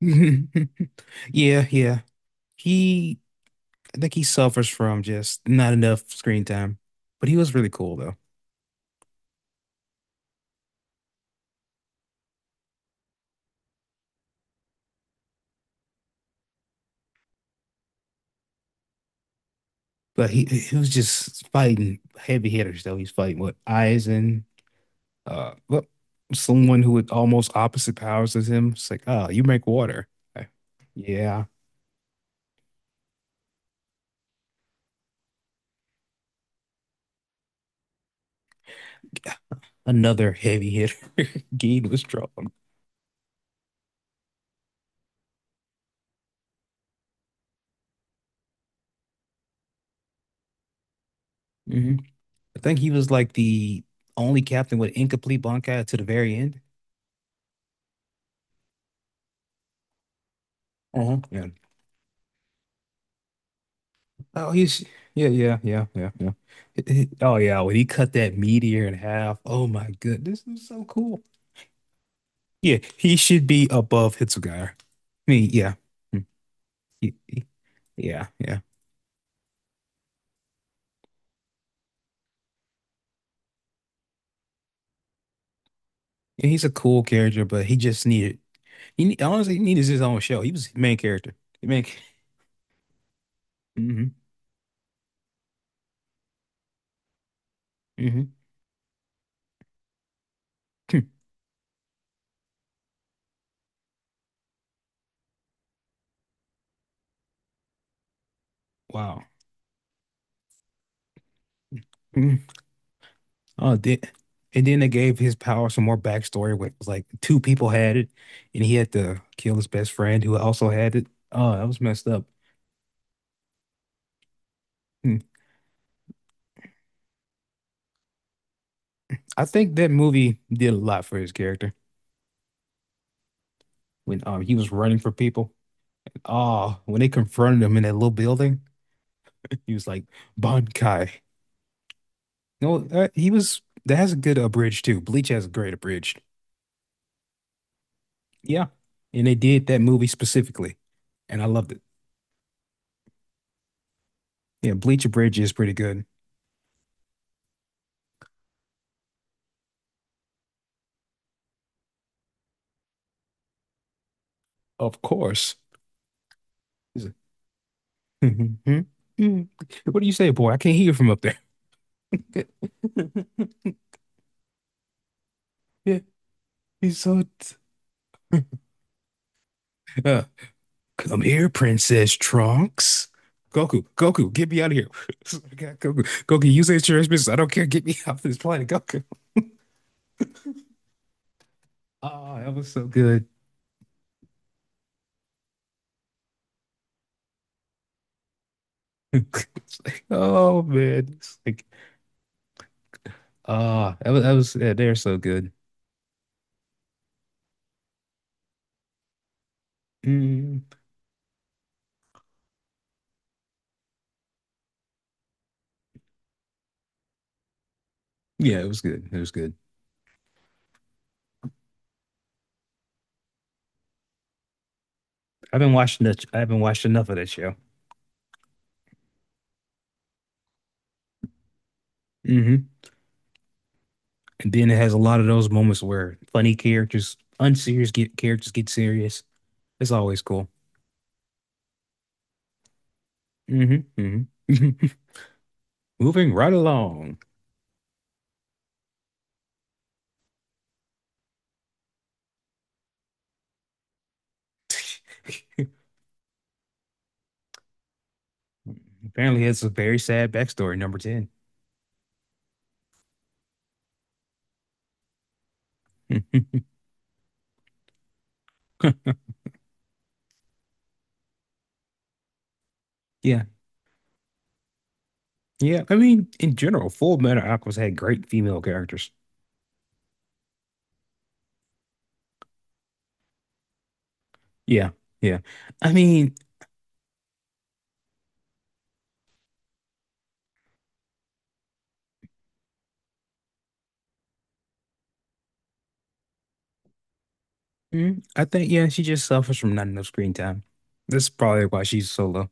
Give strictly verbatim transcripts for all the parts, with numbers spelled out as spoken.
Yeah, yeah. He, I think he suffers from just not enough screen time, but he was really cool though. But he he was just fighting heavy hitters though. He's fighting with Aizen, uh, well, someone who with almost opposite powers as him. It's like, oh, you make water. Okay. Yeah, another heavy hitter. Gein was strong. hmm I think he was like the only captain with incomplete Bankai to the very end. Uh-huh. Yeah, oh, he's yeah, yeah, yeah, yeah, yeah. It- it- oh yeah, when he cut that meteor in half, oh my good, this is so cool. Yeah, he should be above Hitsugaya. I mean, yeah, mm, he- he- yeah, yeah. And he's a cool character, but he just needed he ne- honestly he needed his own show. He was the main character. The main. hmm hmm Wow. Mhm. Oh, then, and then they gave his power some more backstory. Where it was like two people had it, and he had to kill his best friend who also had it. Oh, that was messed up. Hmm. I think that movie did a lot for his character when um he was running for people. Oh, when they confronted him in that little building, he was like Bankai. No, uh, he was that has a good abridged too. Bleach has a great abridged. Yeah, and they did that movie specifically, and I loved it. Yeah, Bleach abridged is pretty good. Of course. He's like, what do you say, boy? I can't hear from up there. Yeah, he's so. t- uh, come here, Princess Trunks. Goku, Goku, get me out of here. I got Goku, Goku, use the insurance business. I don't care. Get me off this planet, Goku. Oh, that was so good. It's like, oh man, it's like, ah, that was, that was yeah, they're so good. Mm, yeah, it was good. It was good. I've been watching that. I haven't watched enough of that show. hmm And then it has a lot of those moments where funny characters, unserious get characters get serious. It's always cool. hmm hmm Moving right along. Apparently, it's a very sad backstory, number ten. Yeah. Yeah. I mean, in general, Full Metal Alchemist had great female characters. Yeah. Yeah. I mean, mm, I think, yeah, she just suffers from not enough screen time. That's probably why she's so low.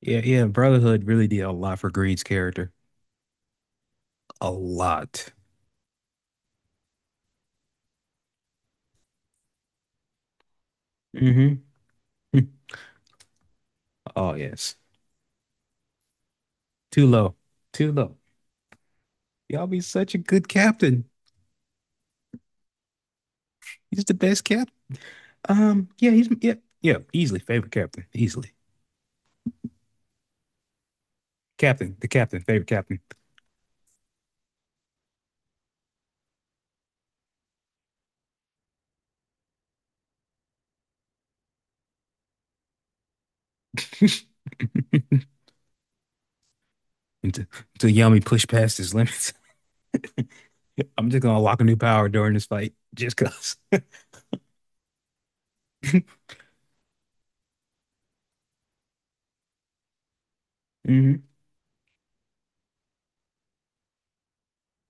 Yeah. Yeah. Brotherhood really did a lot for Greed's character. A lot. hmm Oh, yes. Too low. Too low. Y'all be such a good captain. He's the best captain. Um, yeah, he's, yeah, yeah, easily favorite captain. Easily. Captain, the captain, favorite captain. until, until Yami pushed past his limits. I'm just gonna unlock a new power during this fight, just because. hmm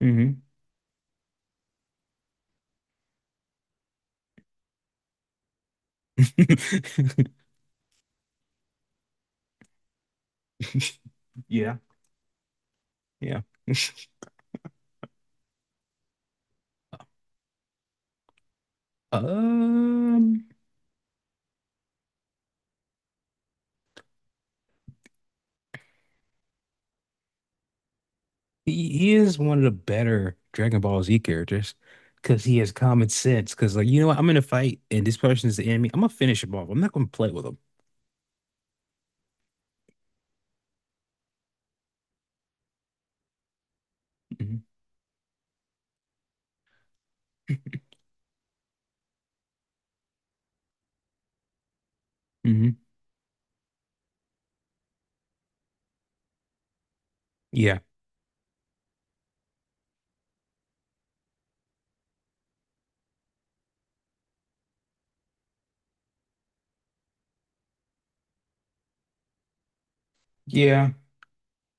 hmm Yeah, yeah. Um, he, he is one of the better Dragon Ball Z characters because he has common sense. Because like, you know what, I'm in a fight and this person is the enemy. I'm gonna finish him off. I'm not gonna play with him. hmm hmm Yeah. Yeah.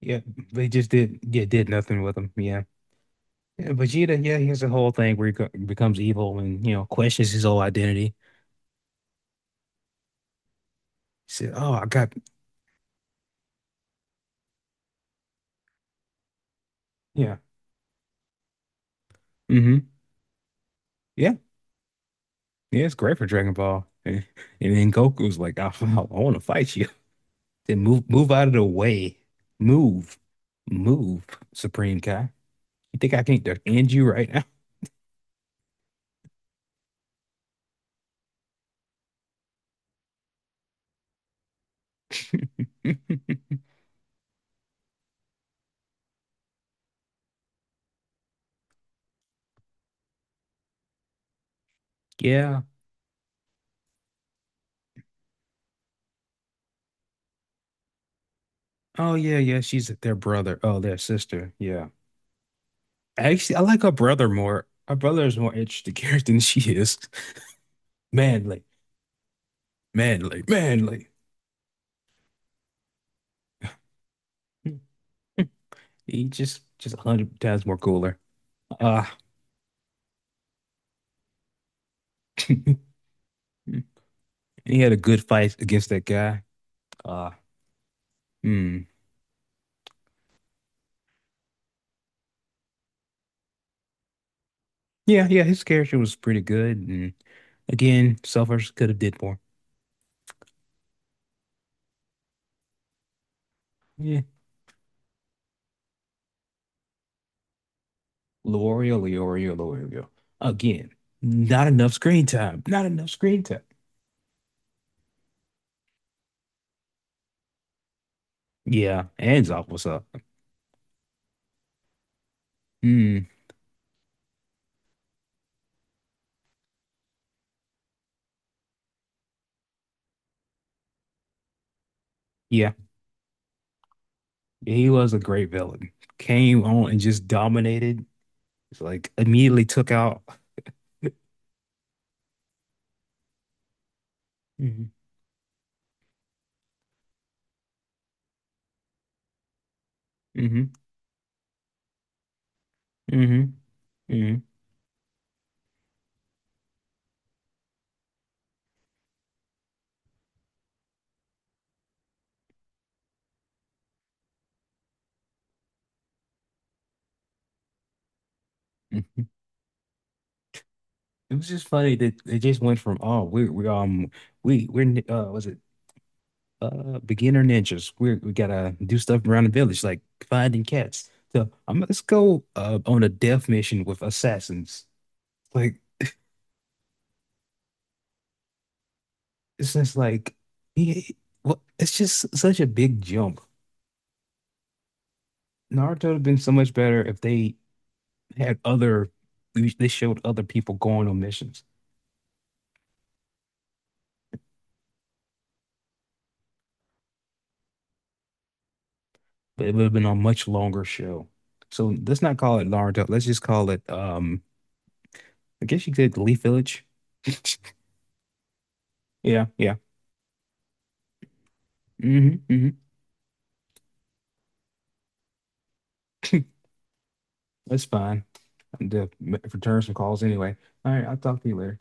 Yeah. They just did. Yeah, did nothing with him. Yeah. Yeah, Vegeta, yeah, he has a whole thing where he co- becomes evil and, you know, questions his whole identity. He said, "Oh, I got yeah, mm-hmm, yeah, yeah." It's great for Dragon Ball, and, and then Goku's like, "I, I want to fight you." Then move, move out of the way, move, move, Supreme Kai. You think I can not end you right now? Yeah. Oh yeah, yeah. She's their brother. Oh, their sister. Yeah. Actually, I like her brother more. Her brother is more interesting character than she is. Manly, manly, manly. He just just a hundred times more cooler. Uh he had a good fight against that guy. Uh hmm. Yeah, yeah, his character was pretty good. And again, suffers could have did more. Yeah. Leorio, Leorio, Leorio. Again, not enough screen time. Not enough screen time. Yeah, Anzop was up. Hmm. Yeah. He was a great villain. Came on and just dominated. It's like immediately took out. hmm hmm hmm hmm It was just funny that it just went from oh we we um we we're nin- uh was it uh beginner ninjas we we gotta do stuff around the village like finding cats so I'm like, let's go uh on a death mission with assassins like it's just like yeah well it's just such a big jump Naruto would have been so much better if they had other they showed other people going on missions but it would have been a much longer show so let's not call it Naruto let's just call it um. I guess you could Leaf Village. Yeah, yeah. hmm hmm That's fine. I need to return some calls anyway. All right, I'll talk to you later.